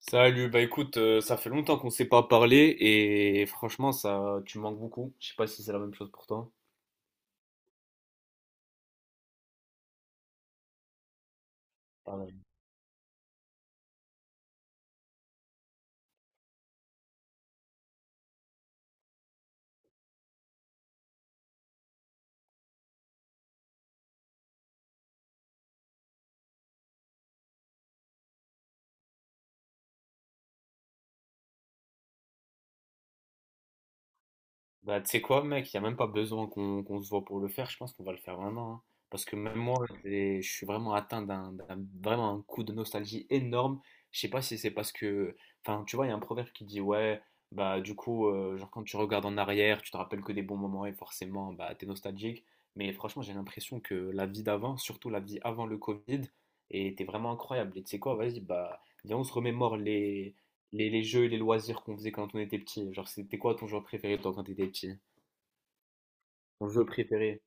Salut, écoute, ça fait longtemps qu'on s'est pas parlé et franchement, ça, tu me manques beaucoup. Je sais pas si c'est la même chose pour toi. Bah, tu sais quoi, mec, il n'y a même pas besoin qu'on se voit pour le faire. Je pense qu'on va le faire vraiment, hein. Parce que même moi, je suis vraiment atteint vraiment un coup de nostalgie énorme. Je sais pas si c'est parce que. Enfin, tu vois, il y a un proverbe qui dit, ouais, quand tu regardes en arrière, tu te rappelles que des bons moments et forcément, t'es nostalgique. Mais franchement, j'ai l'impression que la vie d'avant, surtout la vie avant le Covid, était vraiment incroyable. Et tu sais quoi, vas-y, viens, on se remémore les jeux et les loisirs qu'on faisait quand on était petit. Genre, c'était quoi ton jeu préféré toi quand t'étais petit? Ton jeu préféré?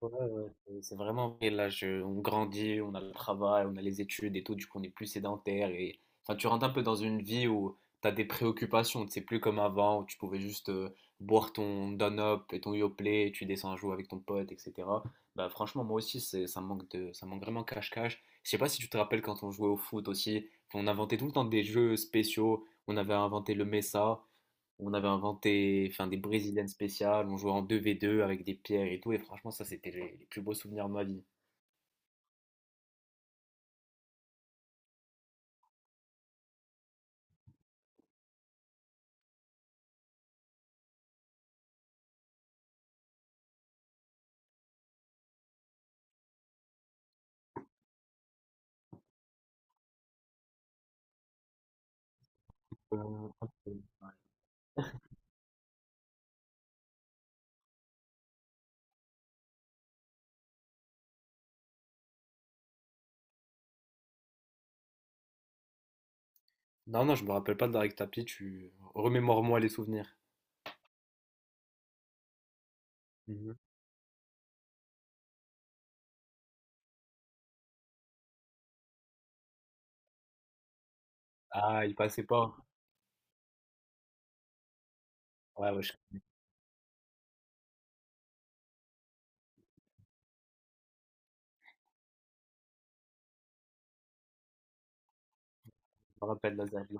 Ouais, ouais, c'est vraiment vrai. Là, on grandit, on a le travail, on a les études et tout, du coup, on est plus sédentaire. Et enfin, tu rentres un peu dans une vie où tu as des préoccupations. C'est plus comme avant où tu pouvais juste boire ton Don-Up et ton Yoplait, et tu descends jouer avec ton pote, etc. Bah, franchement, moi aussi, ça me manque ça me manque vraiment cache-cache. Je sais pas si tu te rappelles quand on jouait au foot aussi. Enfin, on inventait tout le temps des jeux spéciaux. On avait inventé le Mesa, on avait inventé enfin, des brésiliennes spéciales, on jouait en 2v2 avec des pierres et tout, et franchement, ça, c'était les plus beaux souvenirs de ma vie. Euh, Non, non, je me rappelle pas de Darek Tapi, tu remémore-moi les souvenirs. Mhm. Ah, il passait pas. Ouais, ouais, je me rappelle la ZAD.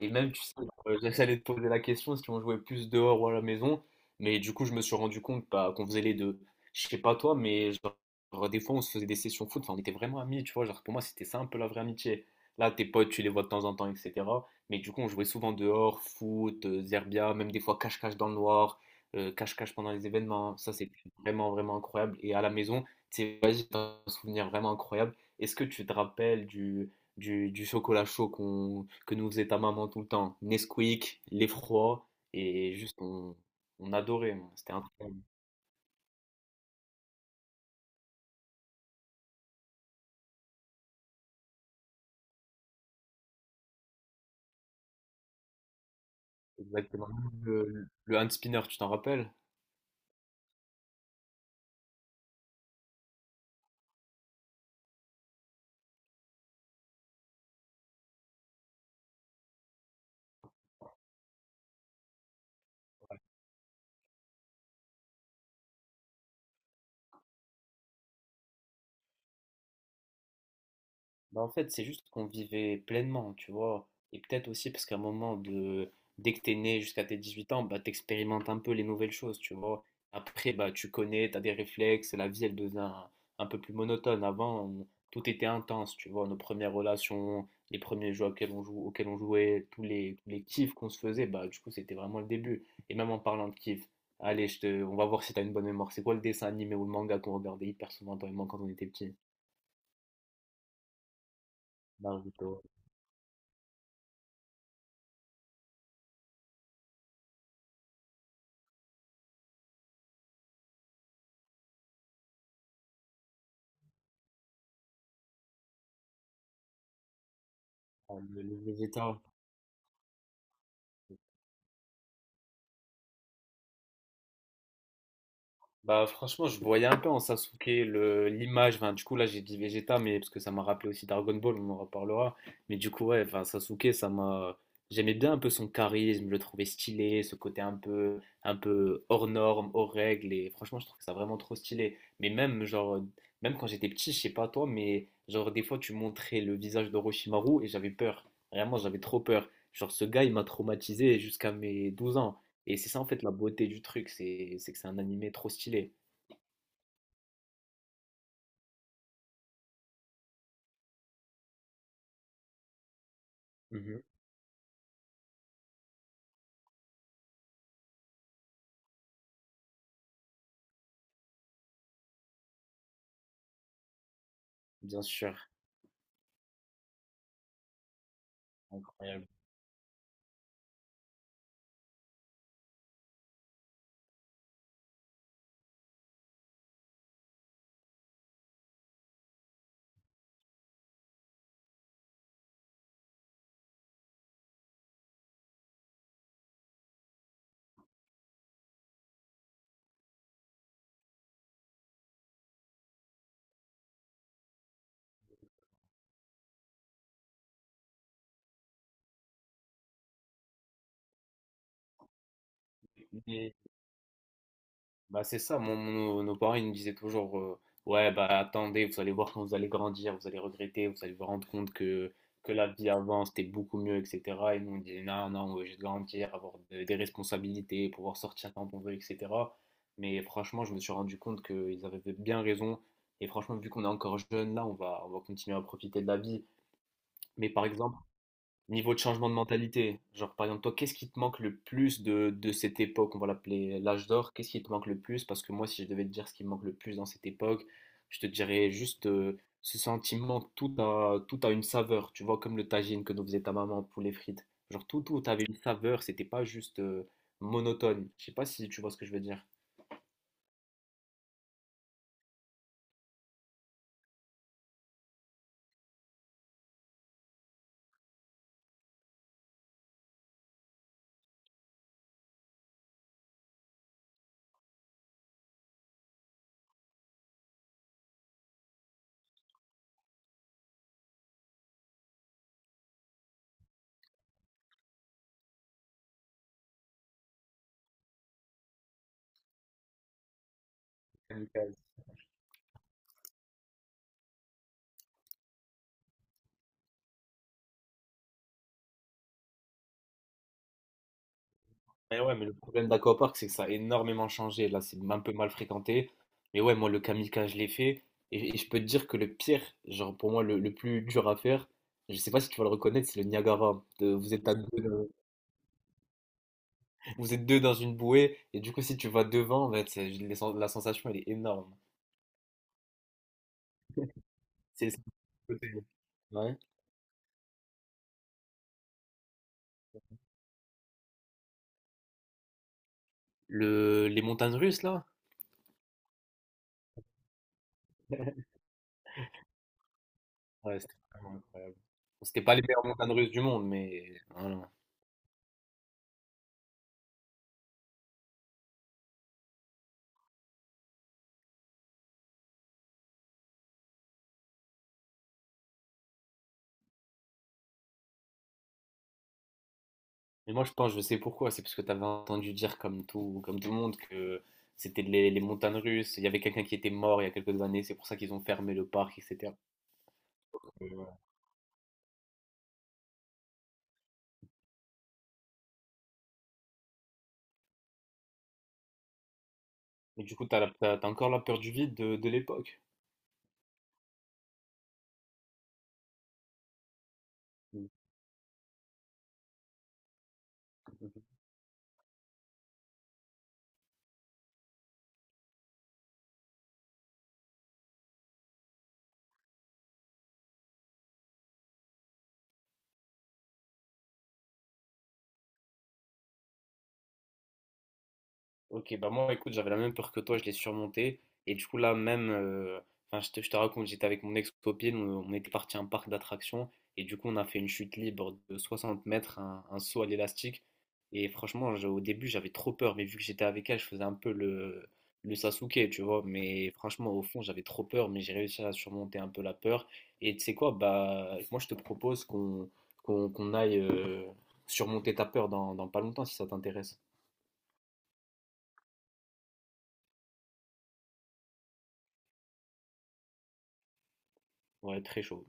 Et même, tu sais, j'essayais de poser la question si on jouait plus dehors ou à la maison. Mais du coup, je me suis rendu compte qu'on faisait les deux. Je sais pas toi, mais genre, des fois, on se faisait des sessions foot. Enfin, on était vraiment amis, tu vois. Genre, pour moi, c'était ça un peu la vraie amitié. Là, tes potes, tu les vois de temps en temps, etc. Mais du coup, on jouait souvent dehors, foot, zerbia, même des fois cache-cache dans le noir, cache-cache pendant les événements. Ça, c'était vraiment, vraiment incroyable. Et à la maison, c'est un souvenir vraiment incroyable. Est-ce que tu te rappelles du chocolat chaud que nous faisait ta maman tout le temps. Nesquik, l'effroi, et juste on adorait, moi. C'était incroyable. Exactement. Le hand spinner, tu t'en rappelles? Bah, en fait, c'est juste qu'on vivait pleinement, tu vois. Et peut-être aussi parce qu'à un moment de dès que t'es né jusqu'à tes 18 ans, bah t'expérimentes un peu les nouvelles choses, tu vois. Après, bah tu connais, t'as des réflexes, la vie elle devient un peu plus monotone. Avant, tout était intense, tu vois, nos premières relations, les premiers jeux auxquels on jouait, tous les kiffs qu'on se faisait, bah du coup c'était vraiment le début. Et même en parlant de kiff, allez, je te... on va voir si t'as une bonne mémoire. C'est quoi le dessin animé ou le manga qu'on regardait hyper souvent toi et moi quand on était petit? Naruto. Ah, le Vegeta. Bah franchement, je voyais un peu en Sasuke le l'image. Enfin, du coup là, j'ai dit Vegeta, mais parce que ça m'a rappelé aussi Dragon Ball, on en reparlera. Mais du coup, ouais, enfin Sasuke, ça m'a. J'aimais bien un peu son charisme, je le trouvais stylé, ce côté un peu hors norme, hors règles. Et franchement, je trouve ça vraiment trop stylé. Mais même genre, même quand j'étais petit, je sais pas toi, mais genre des fois tu montrais le visage d'Orochimaru et j'avais peur. Vraiment, j'avais trop peur. Genre ce gars, il m'a traumatisé jusqu'à mes 12 ans. Et c'est ça en fait la beauté du truc, c'est que c'est un animé trop stylé. Mhm. Bien sûr, incroyable. Mais bah c'est ça, parents ils nous disaient toujours ouais bah attendez, vous allez voir quand vous allez grandir, vous allez regretter, vous allez vous rendre compte que la vie avant c'était beaucoup mieux, etc. Et nous on disait non, non, on est de grandir, avoir des responsabilités, pouvoir sortir quand on veut, etc. Mais franchement, je me suis rendu compte qu'ils avaient bien raison. Et franchement, vu qu'on est encore jeune là, on va continuer à profiter de la vie. Mais par exemple, niveau de changement de mentalité, genre par exemple, toi, qu'est-ce qui te manque le plus de cette époque, on va l'appeler l'âge d'or, qu'est-ce qui te manque le plus? Parce que moi, si je devais te dire ce qui me manque le plus dans cette époque, je te dirais juste ce sentiment, que tout a une saveur, tu vois, comme le tagine que nous faisait ta maman, poulet frites. Genre tout, tout avait une saveur, c'était pas juste monotone. Je sais pas si tu vois ce que je veux dire. Mais ouais, mais le problème d'Aquapark, c'est que ça a énormément changé. Là, c'est un peu mal fréquenté. Mais ouais, moi, le kamikaze, je l'ai fait. Et je peux te dire que le pire, genre pour moi, le plus dur à faire, je sais pas si tu vas le reconnaître, c'est le Niagara. Vous êtes à deux, vous êtes deux dans une bouée. Et du coup, si tu vas devant, en fait, la sensation, elle est énorme. C'est c'est- Ouais. Les montagnes russes, là? Ouais, c'était vraiment incroyable. Bon, c'était pas les meilleures montagnes russes du monde, mais voilà. Mais moi, je pense, je sais pourquoi. C'est parce que tu avais entendu dire, comme tout le monde, que c'était les montagnes russes. Il y avait quelqu'un qui était mort il y a quelques années. C'est pour ça qu'ils ont fermé le parc, etc. Euh, et du coup, tu as encore la peur du vide de l'époque. Ok, bah moi, écoute, j'avais la même peur que toi, je l'ai surmontée. Et du coup, là, même, enfin, je te raconte, j'étais avec mon ex-copine, on était parti à un parc d'attractions. Et du coup, on a fait une chute libre de 60 mètres, un saut à l'élastique. Et franchement, au début, j'avais trop peur. Mais vu que j'étais avec elle, je faisais un peu le Sasuke, tu vois. Mais franchement, au fond, j'avais trop peur. Mais j'ai réussi à surmonter un peu la peur. Et tu sais quoi, bah, moi, je te propose qu'on aille surmonter ta peur dans pas longtemps, si ça t'intéresse. Ouais, très chaud.